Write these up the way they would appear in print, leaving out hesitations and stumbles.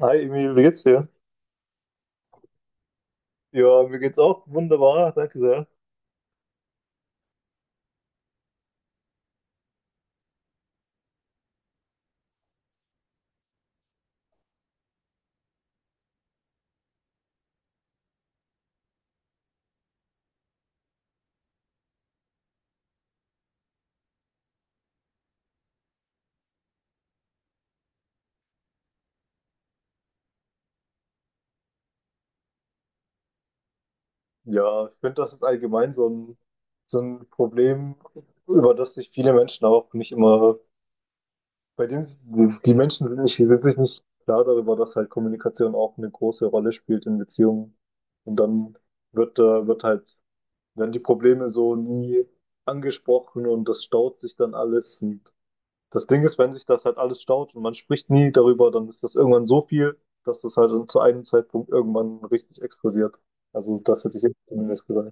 Hi Emil, wie geht's dir? Ja, mir geht's auch wunderbar, danke sehr. Ja, ich finde, das ist allgemein so ein Problem, über das sich viele Menschen auch nicht immer, bei dem s- die Menschen sind sich nicht klar darüber, dass halt Kommunikation auch eine große Rolle spielt in Beziehungen. Und dann wird, äh, wird halt, werden die Probleme so nie angesprochen und das staut sich dann alles. Das Ding ist, wenn sich das halt alles staut und man spricht nie darüber, dann ist das irgendwann so viel, dass das halt zu einem Zeitpunkt irgendwann richtig explodiert. Also das hätte ich jetzt zumindest gesagt.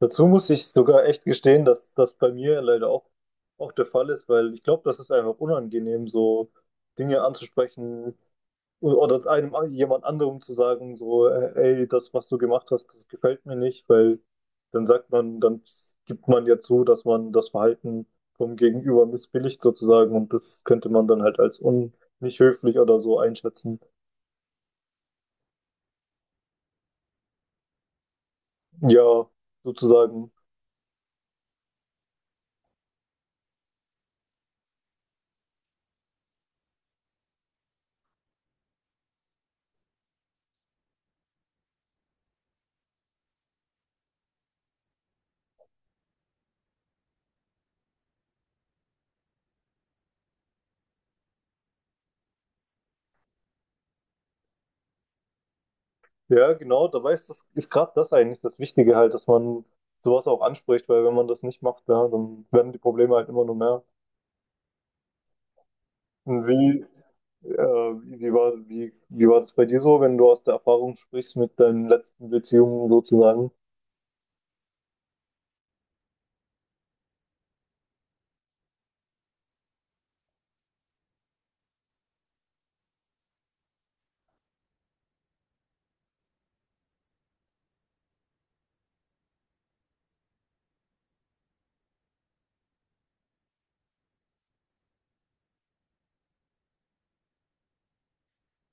Dazu muss ich sogar echt gestehen, dass das bei mir auch der Fall ist, weil ich glaube, das ist einfach unangenehm, so Dinge anzusprechen, oder einem jemand anderem zu sagen, so, ey, das, was du gemacht hast, das gefällt mir nicht, weil dann gibt man ja zu, dass man das Verhalten vom Gegenüber missbilligt sozusagen und das könnte man dann halt als un nicht höflich oder so einschätzen. Ja, sozusagen. Ja, genau, da ist das ist gerade das eigentlich das Wichtige halt, dass man sowas auch anspricht, weil wenn man das nicht macht, ja, dann werden die Probleme halt immer nur mehr. Und wie war das bei dir so, wenn du aus der Erfahrung sprichst mit deinen letzten Beziehungen sozusagen?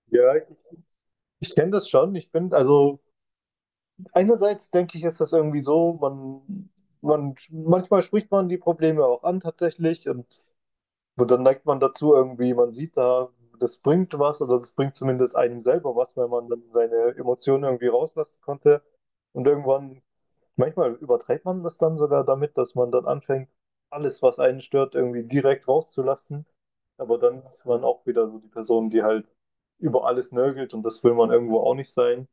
Ja, ich kenne das schon. Also einerseits denke ich, ist das irgendwie so, manchmal spricht man die Probleme auch an tatsächlich und, dann neigt man dazu irgendwie, man sieht da, das bringt was oder das bringt zumindest einem selber was, wenn man dann seine Emotionen irgendwie rauslassen konnte. Und irgendwann Manchmal übertreibt man das dann sogar damit, dass man dann anfängt, alles, was einen stört, irgendwie direkt rauszulassen. Aber dann ist man auch wieder so die Person, die halt über alles nörgelt und das will man irgendwo auch nicht sein.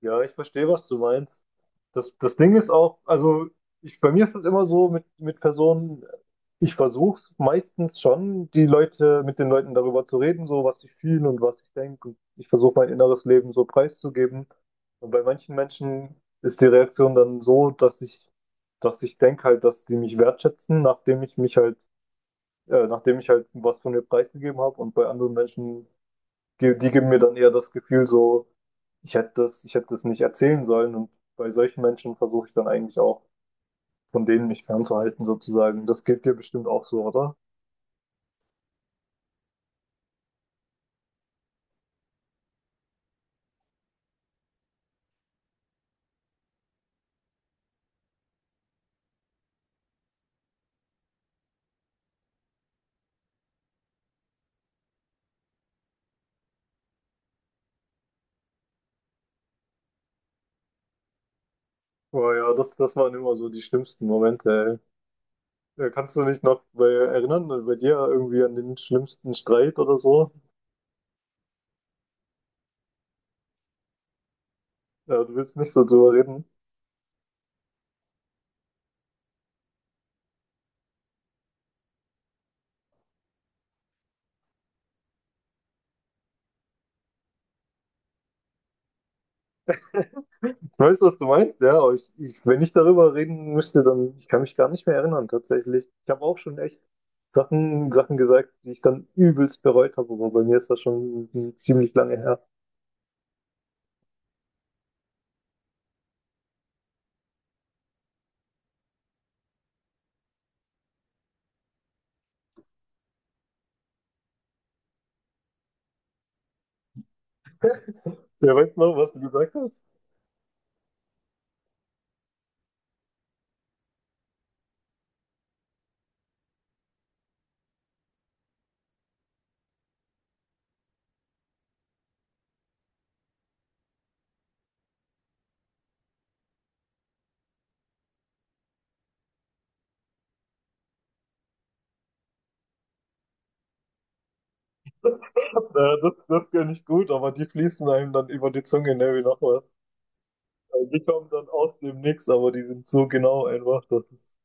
Ja, ich verstehe, was du meinst. Das, das Ding ist auch, also ich, bei mir ist es immer so mit Personen, ich versuche meistens schon, mit den Leuten darüber zu reden, so was ich fühle und was ich denke. Und ich versuche mein inneres Leben so preiszugeben. Und bei manchen Menschen ist die Reaktion dann so, dass ich denke halt, dass die mich wertschätzen, nachdem ich mich halt, nachdem ich halt was von mir preisgegeben habe. Und bei anderen Menschen die geben mir dann eher das Gefühl so, ich hätte das nicht erzählen sollen. Und bei solchen Menschen versuche ich dann eigentlich auch, von denen mich fernzuhalten, sozusagen. Das geht dir bestimmt auch so, oder? Aber ja, das waren immer so die schlimmsten Momente, ey. Kannst du dich noch erinnern, bei dir irgendwie an den schlimmsten Streit oder so? Ja, du willst nicht so drüber reden. Ich weiß, was du meinst, ja, aber wenn ich darüber reden müsste, dann ich kann mich gar nicht mehr erinnern, tatsächlich. Ich habe auch schon echt Sachen gesagt, die ich dann übelst bereut habe, aber bei mir ist das schon ziemlich lange her. Ja, weißt du noch, was du gesagt hast? Das kann ich gut, aber die fließen einem dann über die Zunge, ne, wie noch was. Die kommen dann aus dem Nix, aber die sind so genau einfach.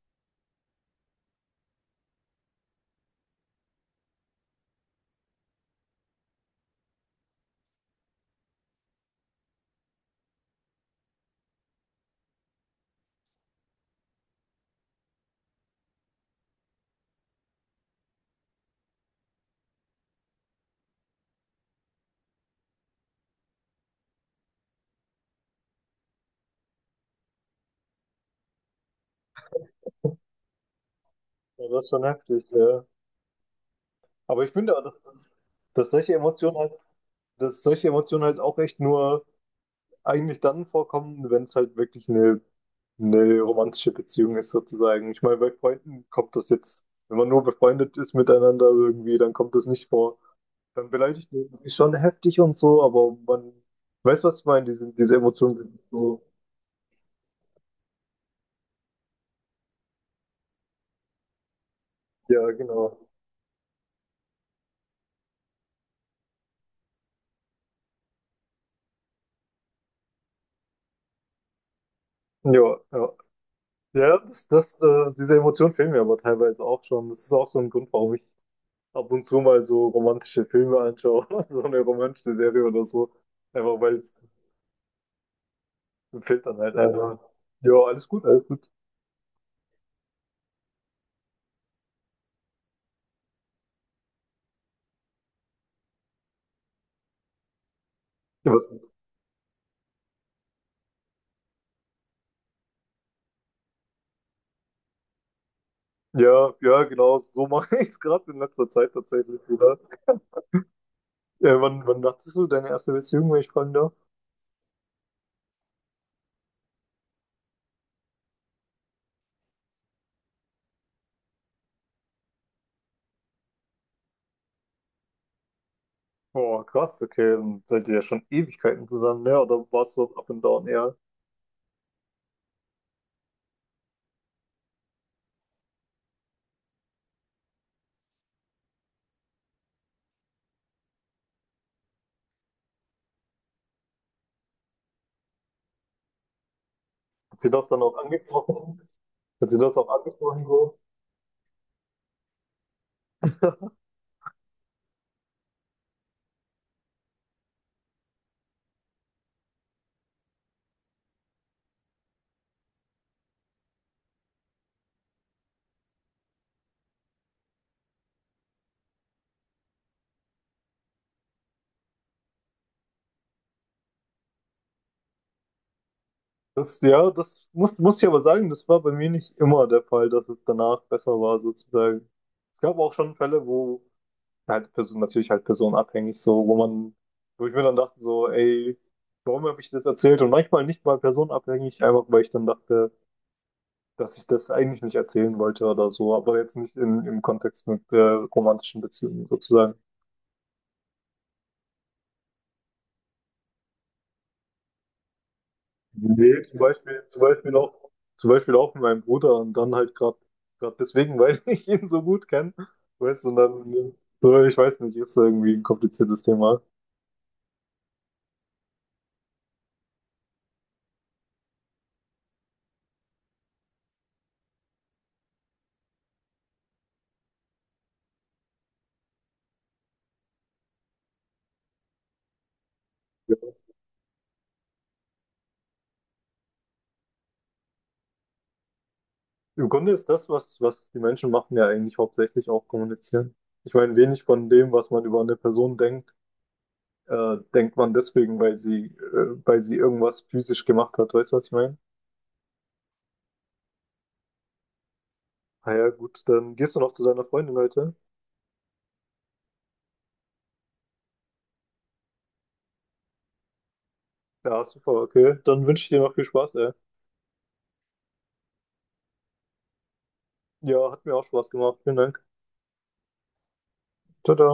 Ja, das ist schon heftig, ja. Aber ich finde, dass solche Emotionen halt, dass solche Emotionen halt auch echt nur eigentlich dann vorkommen, wenn es halt wirklich eine romantische Beziehung ist, sozusagen. Ich meine, bei Freunden kommt das jetzt, wenn man nur befreundet ist miteinander irgendwie, dann kommt das nicht vor. Dann beleidigt man sich schon heftig und so, aber man weiß, was ich meine, diese Emotionen sind nicht so. Ja, genau. Ja, ja. Ja, diese Emotionen fehlen mir aber teilweise auch schon. Das ist auch so ein Grund, warum ich ab und zu mal so romantische Filme anschaue, so eine romantische Serie oder so. Einfach weil es fehlt dann halt einfach. Also, ja, alles gut, alles gut. ja, was, Ja, ja, genau, so mache ich es gerade in letzter Zeit tatsächlich wieder. Wann dachtest du deine erste Beziehung, wenn ich fragen darf? Oh, krass, okay, dann seid ihr ja schon Ewigkeiten zusammen, ne? Oder war es so up and down eher? Hat sie das dann auch angesprochen? Hat sie das auch angesprochen so? Ja, das muss ich aber sagen, das war bei mir nicht immer der Fall, dass es danach besser war, sozusagen. Es gab auch schon Fälle, wo halt Person, natürlich halt personenabhängig, so, wo ich mir dann dachte, so, ey, warum habe ich das erzählt? Und manchmal nicht mal personenabhängig, einfach weil ich dann dachte, dass ich das eigentlich nicht erzählen wollte oder so, aber jetzt nicht im Kontext mit romantischen Beziehungen sozusagen. Nee, zum Beispiel auch mit meinem Bruder und dann halt gerade deswegen, weil ich ihn so gut kenne, weißt du, und dann, so, ich weiß nicht, ist irgendwie ein kompliziertes Thema. Im Grunde ist das, was die Menschen machen, ja eigentlich hauptsächlich auch kommunizieren. Ich meine, wenig von dem, was man über eine Person denkt, denkt man deswegen, weil sie irgendwas physisch gemacht hat. Weißt du, was ich meine? Ah ja, gut, dann gehst du noch zu seiner Freundin heute. Ja, super, okay. Dann wünsche ich dir noch viel Spaß, ey. Ja, hat mir auch Spaß gemacht. Vielen Dank. Tada.